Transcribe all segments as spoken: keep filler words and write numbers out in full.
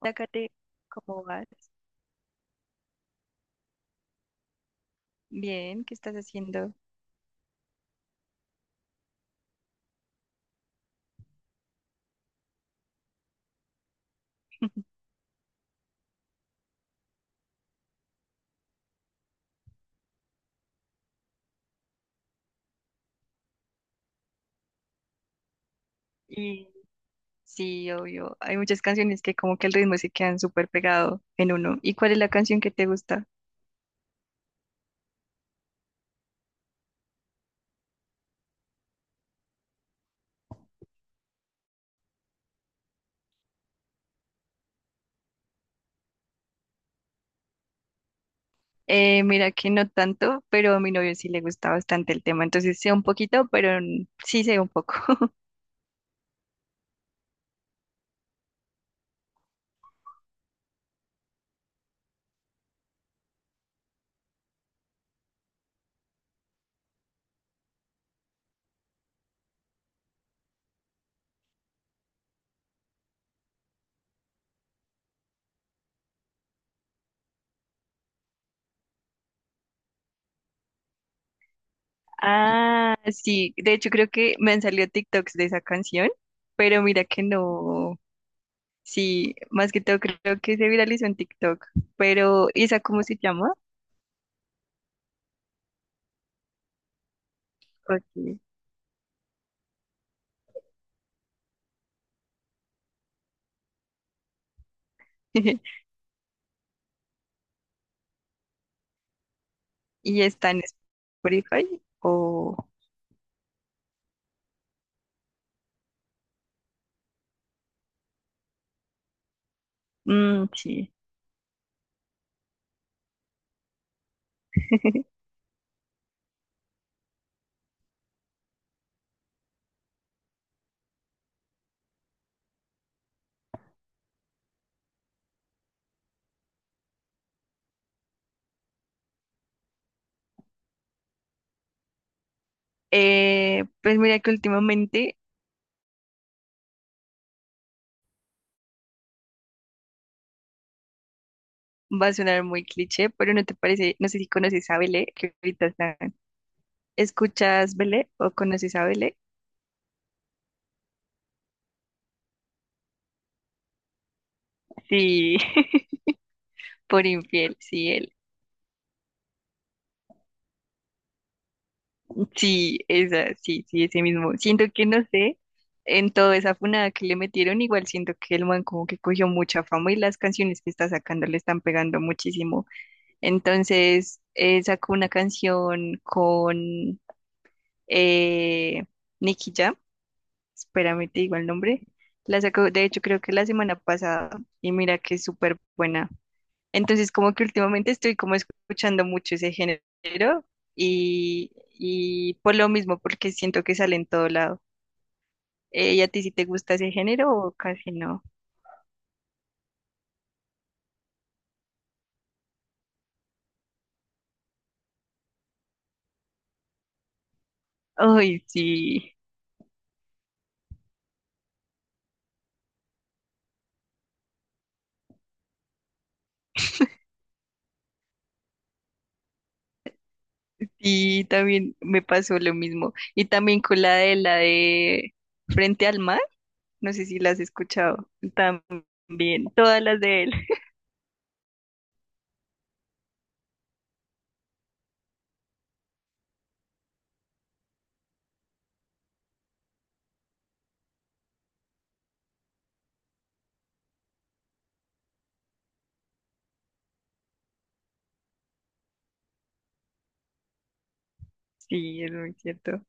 Hola, ¿cómo vas? Bien, ¿qué estás haciendo? Y sí, obvio, hay muchas canciones que como que el ritmo se quedan súper pegado en uno. ¿Y cuál es la canción que te gusta? Eh, mira que no tanto, pero a mi novio sí le gusta bastante el tema, entonces sé un poquito, pero n- sí sé un poco. Ah, sí, de hecho creo que me han salido TikToks de esa canción, pero mira que no, sí, más que todo creo que se viralizó en TikTok, pero ¿y esa cómo se llama? Ok. Y está en Spotify o... Mm, sí. Eh, pues mira que últimamente va a sonar muy cliché, pero no te parece, no sé si conoces a Belé, que ahorita está... ¿Escuchas Belé o conoces a Belé? Sí, por infiel, sí, él. Sí, esa, sí, sí, ese mismo. Siento que no sé, en toda esa funada que le metieron, igual siento que el man como que cogió mucha fama y las canciones que está sacando le están pegando muchísimo. Entonces eh, sacó una canción con eh, Nicky Jam, espérame, te digo el nombre. La sacó, de hecho, creo que la semana pasada, y mira que es súper buena. Entonces, como que últimamente estoy como escuchando mucho ese género y, y por lo mismo, porque siento que sale en todo lado. Eh, ¿y a ti sí te gusta ese género o casi no? Ay, sí. Sí, también me pasó lo mismo. Y también con la de la de Frente al Mar. No sé si las has escuchado también, todas las de él. Sí, es muy cierto.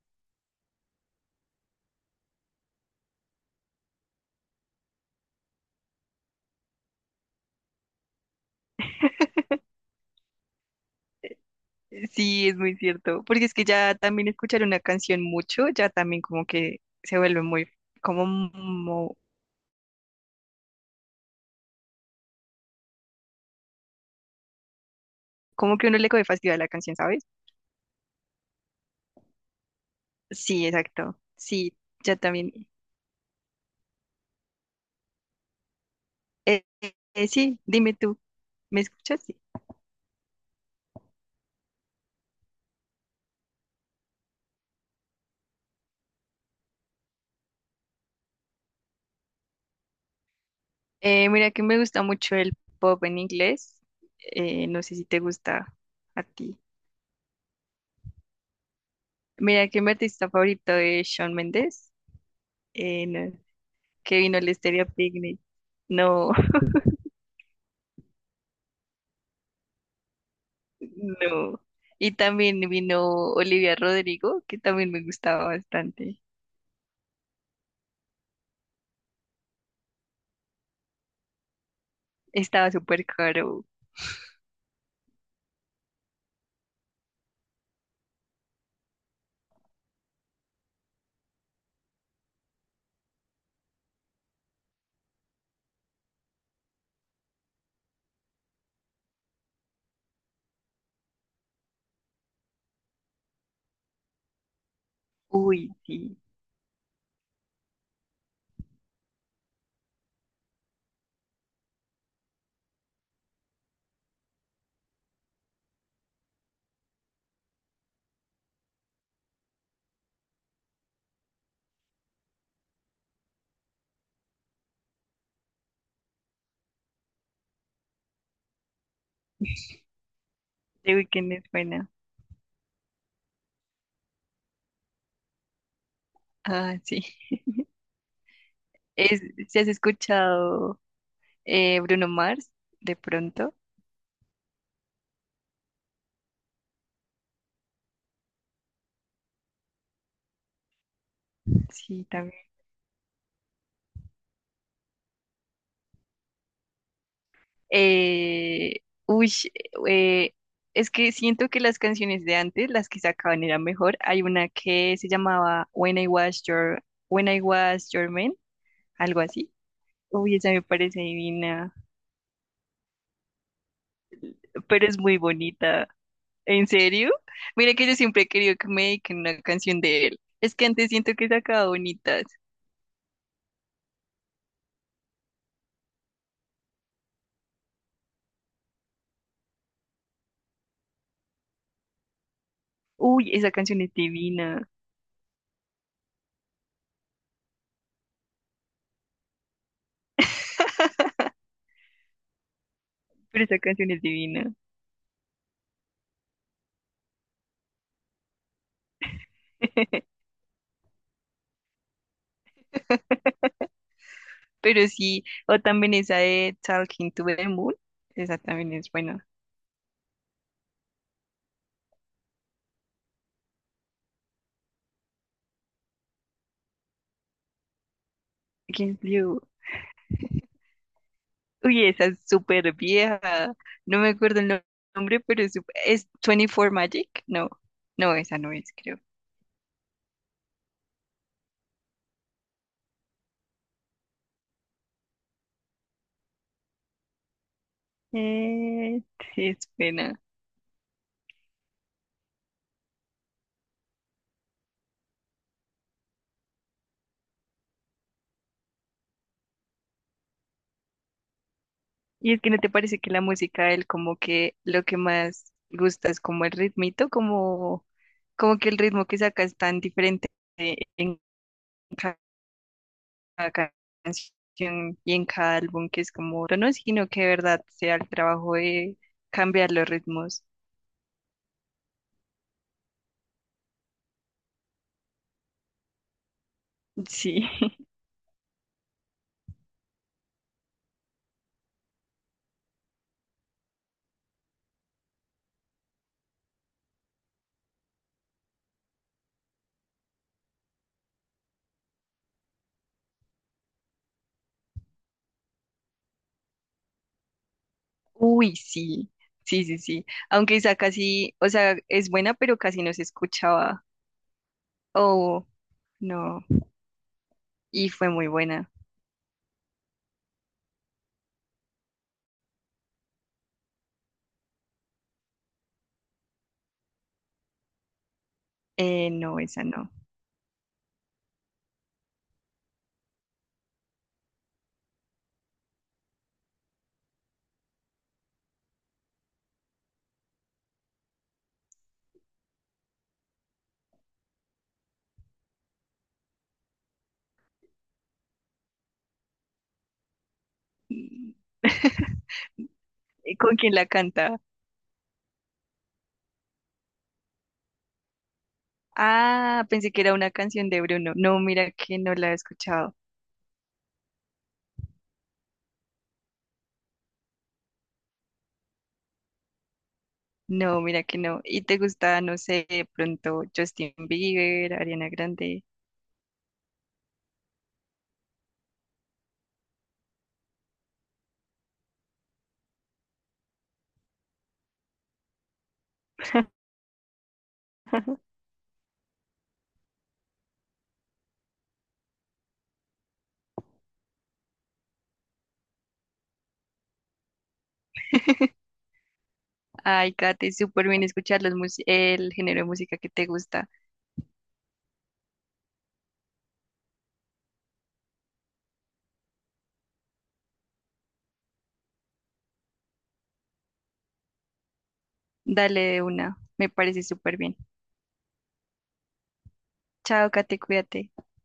Sí, es muy cierto, porque es que ya también escuchar una canción mucho, ya también como que se vuelve muy, como, mo- como que uno le coge fastidio a la canción, ¿sabes? Sí, exacto. Sí, ya también. Eh, eh, sí, dime tú, ¿me escuchas? Sí. Eh, mira que me gusta mucho el pop en inglés. Eh, no sé si te gusta a ti. Mira que mi artista favorito es Shawn Mendes. Eh, no que vino el Estéreo Picnic. No, no. Y también vino Olivia Rodrigo, que también me gustaba bastante. Estaba súper caro. Uy, sí. The Weeknd es buena. Ah, sí. Es, ¿si has escuchado eh, Bruno Mars? De pronto. Sí, también. Eh, uy, eh, es que siento que las canciones de antes, las que sacaban, eran mejor. Hay una que se llamaba When I Was Your, When I Was Your Man, algo así. Uy, esa me parece divina, pero es muy bonita. ¿En serio? Mira que yo siempre he querido que me dediquen una canción de él. Es que antes siento que sacaba bonitas. Uy, esa canción es divina, pero esa canción es divina. Pero sí, o también esa de Talking to the Moon, esa también es buena. Against You. Uy, esa es súper vieja. No me acuerdo el no- nombre, pero es, sup- es veinticuatro Magic. No, no, esa no es, creo. Eh, sí, es pena. Y es que no te parece que la música de él como que lo que más gusta es como el ritmito, como, como que el ritmo que saca es tan diferente en ca- cada canción y en cada álbum, que es como, no, no, sino que de verdad sea el trabajo de cambiar los ritmos. Sí. Uy, sí. Sí, sí, sí. Aunque esa casi, o sea, es buena, pero casi no se escuchaba. Oh, no. Y fue muy buena. Eh, no, esa no. Mm. ¿Y ¿Con quién la canta? Ah, pensé que era una canción de Bruno. No, mira que no la he escuchado. No, mira que no. ¿Y te gusta, no sé, de pronto Justin Bieber, Ariana Grande? Ay, Kate, súper bien escuchar los mus- el género de música que te gusta. Dale de una, me parece súper bien. Chao, Kate, cuídate.